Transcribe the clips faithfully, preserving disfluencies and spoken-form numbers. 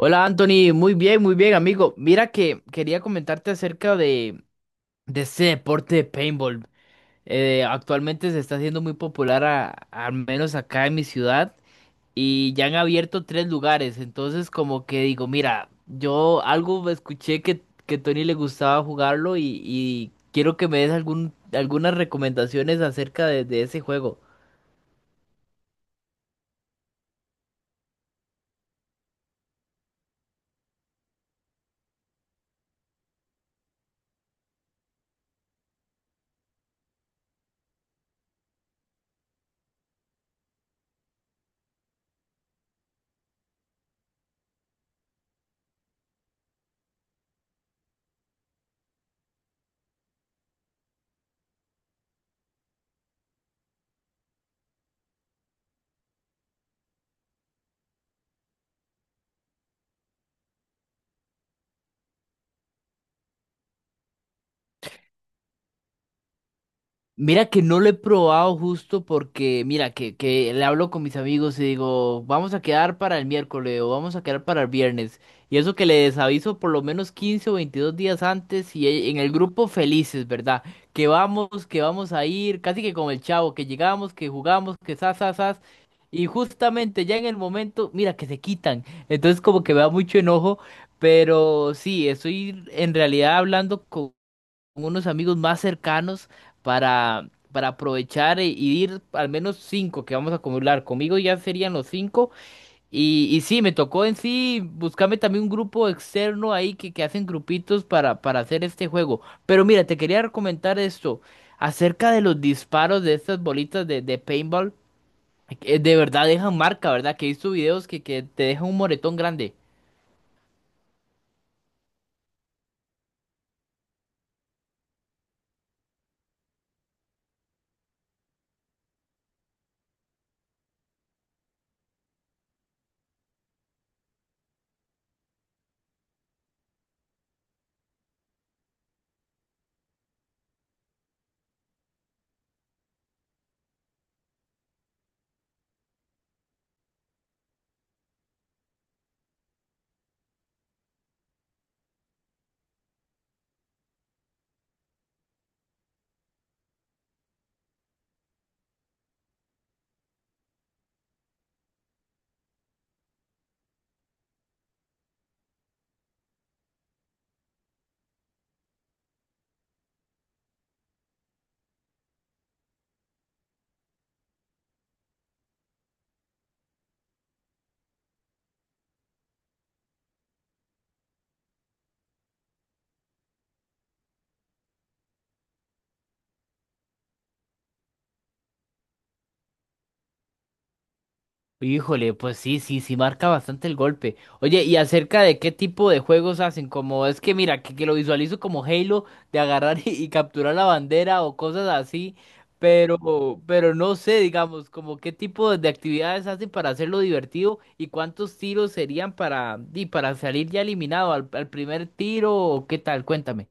Hola Anthony, muy bien, muy bien amigo. Mira que quería comentarte acerca de, de este deporte de paintball. Eh, actualmente se está haciendo muy popular, a- al menos acá en mi ciudad, y ya han abierto tres lugares. Entonces como que digo, mira, yo algo escuché que, que Tony le gustaba jugarlo y, y quiero que me des algún, algunas recomendaciones acerca de, de ese juego. Mira que no lo he probado justo porque, mira, que, que le hablo con mis amigos y digo, vamos a quedar para el miércoles o vamos a quedar para el viernes. Y eso que les aviso por lo menos quince o veintidós días antes y e- en el grupo felices, ¿verdad? Que vamos, que vamos a ir, casi que con el chavo, que llegamos, que jugamos, que sas, sas, sas. Y justamente ya en el momento, mira, que se quitan. Entonces como que me da mucho enojo, pero sí, estoy en realidad hablando con con unos amigos más cercanos para, para aprovechar e- y ir al menos cinco que vamos a acumular. Conmigo ya serían los cinco. Y, y sí, me tocó en sí buscarme también un grupo externo ahí que, que hacen grupitos para, para hacer este juego. Pero mira, te quería comentar esto acerca de los disparos de estas bolitas de, de paintball, que de verdad dejan marca, ¿verdad? Que he visto videos que, que te dejan un moretón grande. Híjole, pues sí, sí, sí marca bastante el golpe. Oye, ¿y acerca de qué tipo de juegos hacen? Como es que mira, que, que lo visualizo como Halo, de agarrar y, y capturar la bandera o cosas así, pero, pero no sé, digamos, como qué tipo de actividades hacen para hacerlo divertido y cuántos tiros serían para, y para salir ya eliminado al, al primer tiro o qué tal, cuéntame.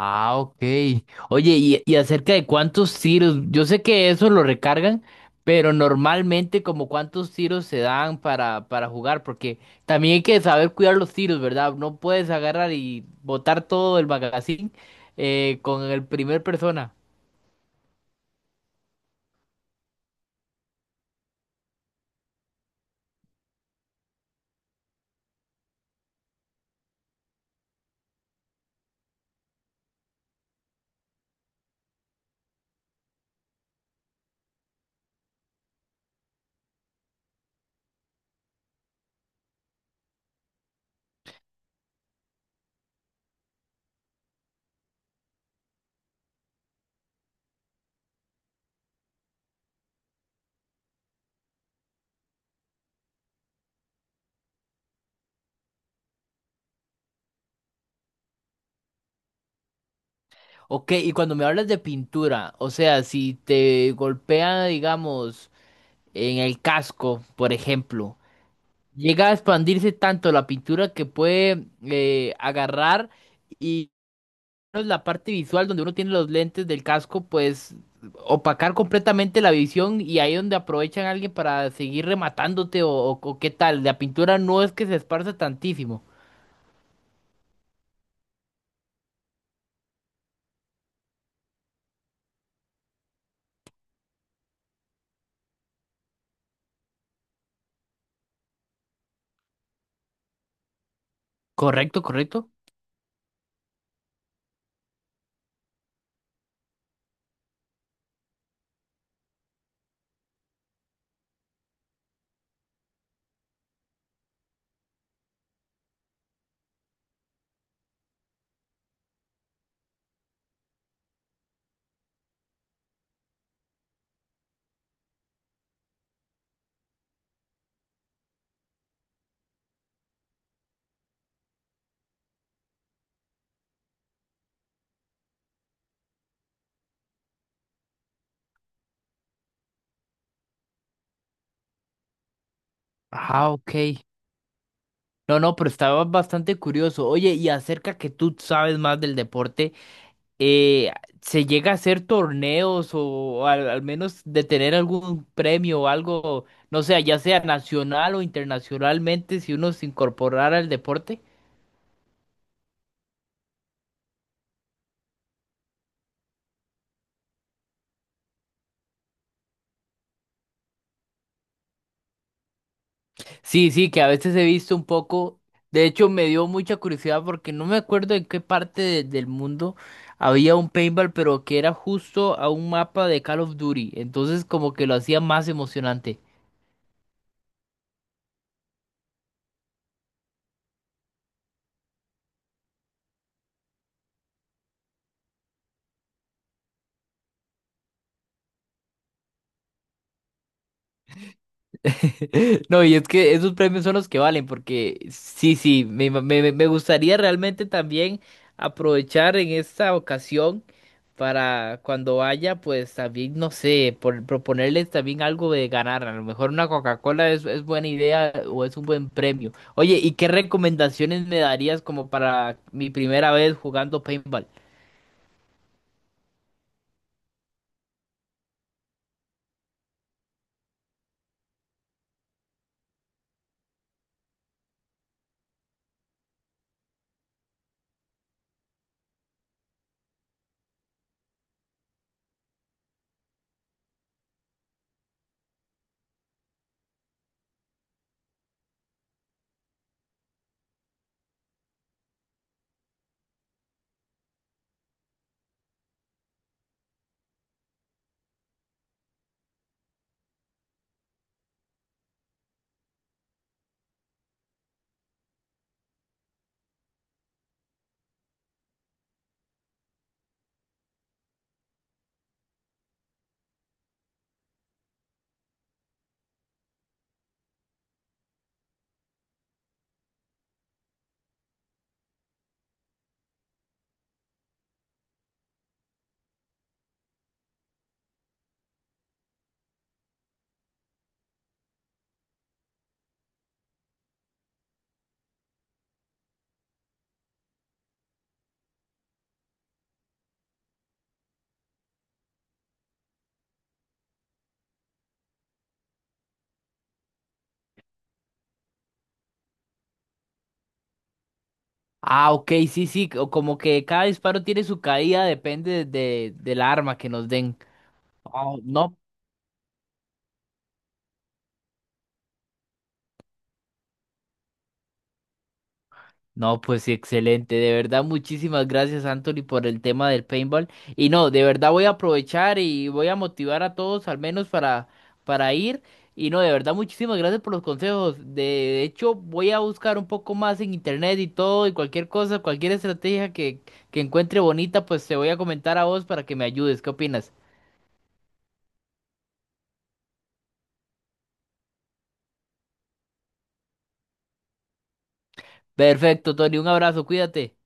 Ah, ok. Oye, y, y acerca de cuántos tiros, yo sé que eso lo recargan, pero normalmente como cuántos tiros se dan para, para jugar, porque también hay que saber cuidar los tiros, ¿verdad? No puedes agarrar y botar todo el magazine eh, con el primer persona. Ok, y cuando me hablas de pintura, o sea, si te golpea, digamos, en el casco, por ejemplo, llega a expandirse tanto la pintura que puede, eh, agarrar menos la parte visual donde uno tiene los lentes del casco, pues opacar completamente la visión y ahí donde aprovechan a alguien para seguir rematándote o, o- o qué tal. La pintura no es que se esparza tantísimo. Correcto, correcto. Ah, ok. No, no, pero estaba bastante curioso. Oye, y acerca que tú sabes más del deporte, eh, ¿se llega a hacer torneos o, al, al menos de tener algún premio o algo, no sé, ya sea nacional o internacionalmente, si uno se incorporara al deporte? Sí, sí, que a veces he visto un poco. De hecho, me dio mucha curiosidad porque no me acuerdo en qué parte de- del mundo había un paintball, pero que era justo a un mapa de Call of Duty. Entonces, como que lo hacía más emocionante. No, y es que esos premios son los que valen, porque sí, sí, me, ima- me- me- me gustaría realmente también aprovechar en esta ocasión para cuando vaya, pues también, no sé, por, proponerles también algo de ganar. A lo mejor una Coca-Cola es, es buena idea o es un buen premio. Oye, ¿y qué recomendaciones me darías como para mi primera vez jugando paintball? Ah, ok, sí, sí, o como que cada disparo tiene su caída, depende de, del arma que nos den. Oh, no, no, pues sí, excelente. De verdad, muchísimas gracias, Anthony, por el tema del paintball. Y no, de verdad voy a aprovechar y voy a motivar a todos, al menos para, para, ir. Y no, de verdad, muchísimas gracias por los consejos. De, de hecho, voy a buscar un poco más en internet y todo, y cualquier cosa, cualquier estrategia que, que encuentre bonita, pues te voy a comentar a vos para que me ayudes. ¿Qué opinas? Perfecto, Tony, un abrazo, cuídate.